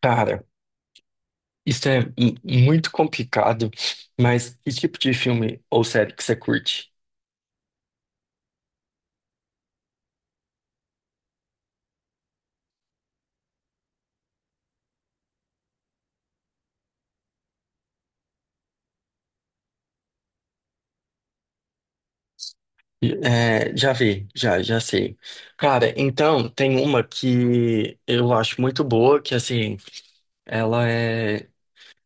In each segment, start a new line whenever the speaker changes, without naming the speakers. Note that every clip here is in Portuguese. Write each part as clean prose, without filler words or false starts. Cara, isso é muito complicado, mas que tipo de filme ou série que você curte? É, já vi, já sei. Cara, então, tem uma que eu acho muito boa, que assim, ela é,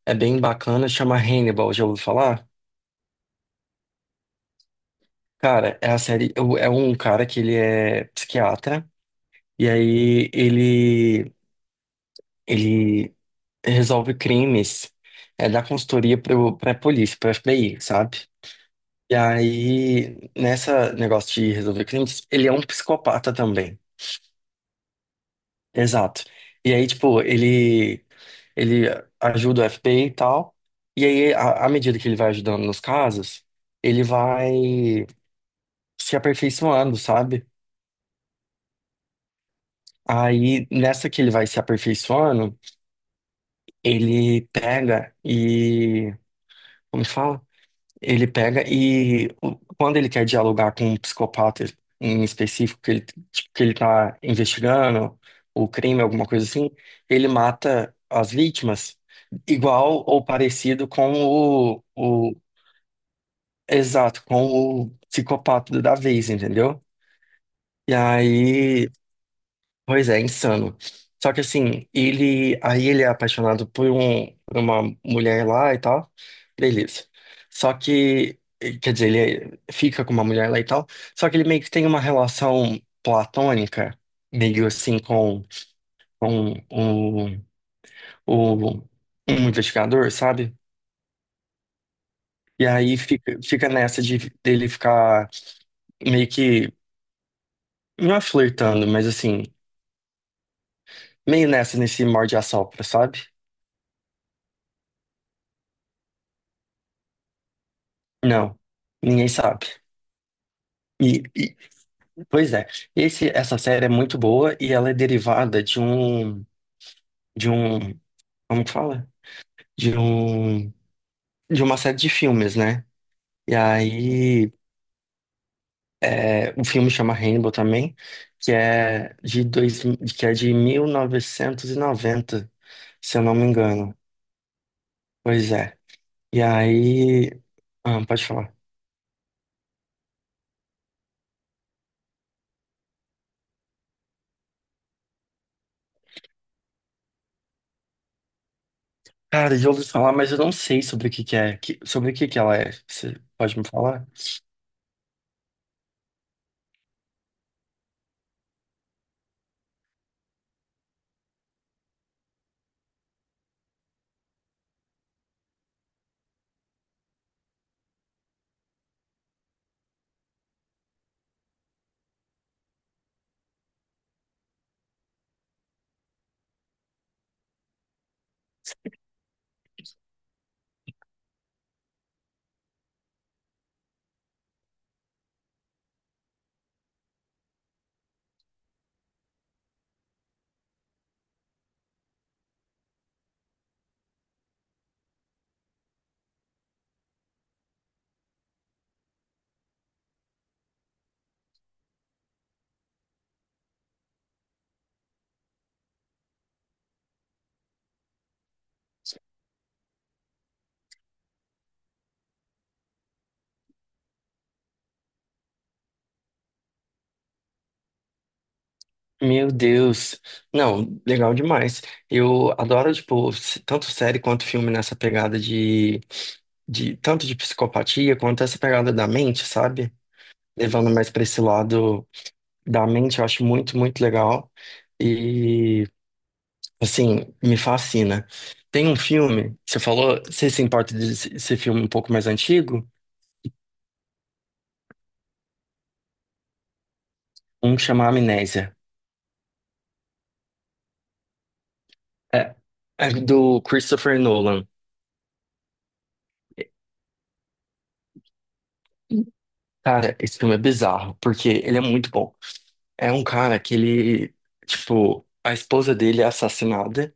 é bem bacana, chama Hannibal, já ouviu falar? Cara, é a série, é um cara que ele é psiquiatra, e ele resolve crimes, é, da consultoria pra polícia, pro FBI, sabe? E aí, nessa negócio de resolver crimes, ele é um psicopata também. Exato. E aí, tipo, ele ajuda o FBI e tal. E aí, à medida que ele vai ajudando nos casos, ele vai se aperfeiçoando, sabe? Aí, nessa que ele vai se aperfeiçoando, ele pega e. Como que fala? Ele pega quando ele quer dialogar com um psicopata em específico, que ele tá investigando o crime, alguma coisa assim, ele mata as vítimas igual ou parecido com o exato, com o psicopata da vez, entendeu? E aí pois é, insano. Só que assim, ele é apaixonado por uma mulher lá e tal. Beleza. Só que, quer dizer, ele fica com uma mulher lá e tal. Só que ele meio que tem uma relação platônica, meio assim, com o, o, um investigador, sabe? E aí fica nessa de dele ficar meio que, não é flertando, mas assim, nesse morde-a-sopra, sabe? Não, ninguém sabe. E, e- pois é, essa série é muito boa e ela é derivada de um, como que fala? De um, de uma série de filmes, né? E aí, é, o filme chama Rainbow também, que é de dois, que é de 1990 se eu não me engano. Pois é. E aí, ah, pode falar. Cara, eu ouvi falar, mas eu não sei sobre o que que é, sobre o que que ela é. Você pode me falar? Meu Deus. Não, legal demais. Eu adoro, tipo, tanto série quanto filme nessa pegada de tanto de psicopatia quanto essa pegada da mente, sabe? Levando mais pra esse lado da mente, eu acho muito, muito legal. E, assim, me fascina. Tem um filme, você falou, você se importa desse filme um pouco mais antigo? Um que chama Amnésia. É, é do Christopher Nolan. Cara, esse filme é bizarro, porque ele é muito bom. É um cara que a esposa dele é assassinada.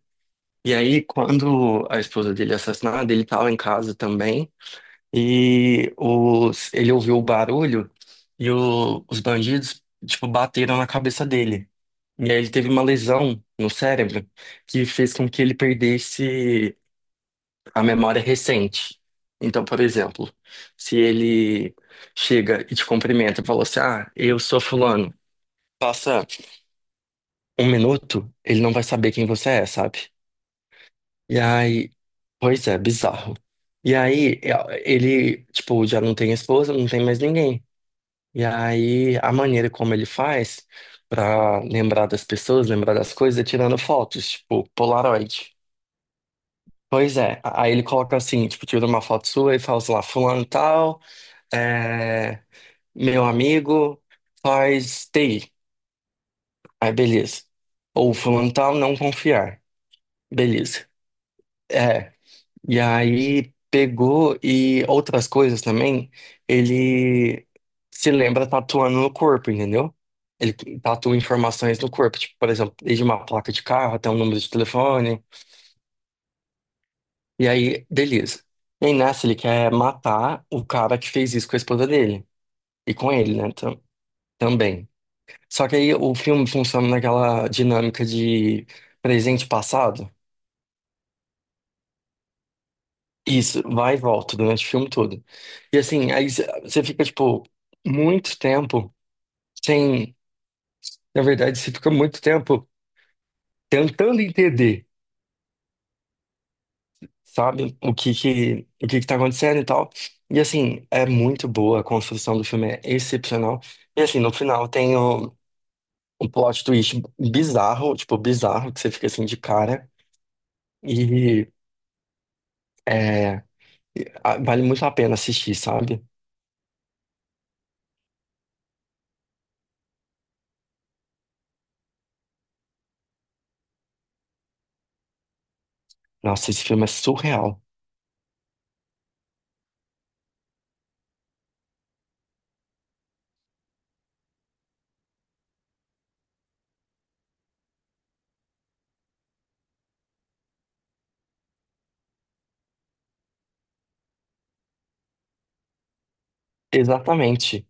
E aí, quando a esposa dele é assassinada, ele tava em casa também. E ele ouviu o barulho os bandidos, tipo, bateram na cabeça dele. E aí ele teve uma lesão no cérebro que fez com que ele perdesse a memória recente. Então, por exemplo, se ele chega e te cumprimenta e fala assim, ah, eu sou fulano. Passa um minuto, ele não vai saber quem você é, sabe? E aí, pois é, bizarro. E aí, é, ele, tipo, já não tem esposa, não tem mais ninguém. E aí, a maneira como ele faz pra lembrar das pessoas, lembrar das coisas, é tirando fotos, tipo, Polaroid. Pois é, aí ele coloca assim, tipo, tira uma foto sua e fala, sei lá, fulano tal, é, meu amigo, faz TI. Aí, beleza. Ou fulano tal, não confiar. Beleza. É. E aí pegou e outras coisas também, ele se lembra tatuando no corpo, entendeu? Ele tatua informações no corpo, tipo, por exemplo, desde uma placa de carro até um número de telefone. E aí, beleza. E aí nessa ele quer matar o cara que fez isso com a esposa dele. E com ele, né? Também. Só que aí o filme funciona naquela dinâmica de presente e passado. Isso, vai e volta durante o filme todo. E assim, você fica, tipo, muito tempo sem. Na verdade, você fica muito tempo tentando entender, sabe, o que que tá acontecendo e tal. E assim, é muito boa, a construção do filme é excepcional. E assim, no final um plot twist bizarro, tipo, bizarro, que você fica assim de cara. E é, vale muito a pena assistir, sabe? Nossa, esse filme é surreal. Exatamente.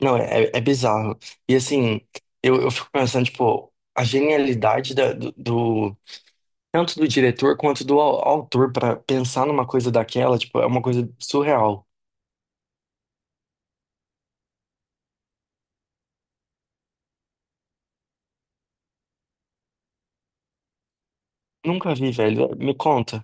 Não, é, é é bizarro. E assim, eu fico pensando, tipo, a genialidade tanto do diretor quanto do autor pra pensar numa coisa daquela, tipo, é uma coisa surreal. Nunca vi, velho. Me conta.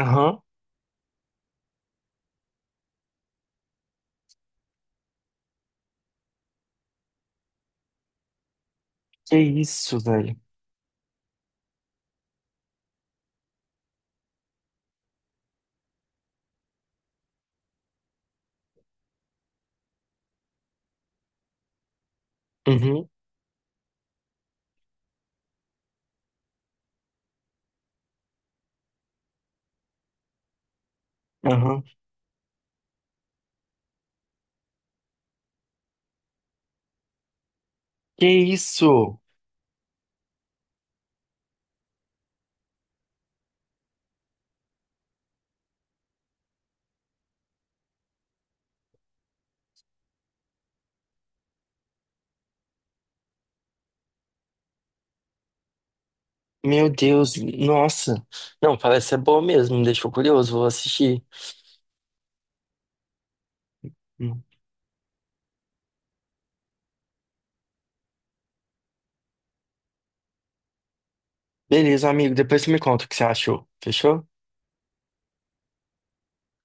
Aham. Que isso, velho. Uhum. Aham. Que isso? Meu Deus, nossa. Não, parece ser boa mesmo. Me deixou curioso, vou assistir. Hum. Beleza, amigo. Depois você me conta o que você achou. Fechou?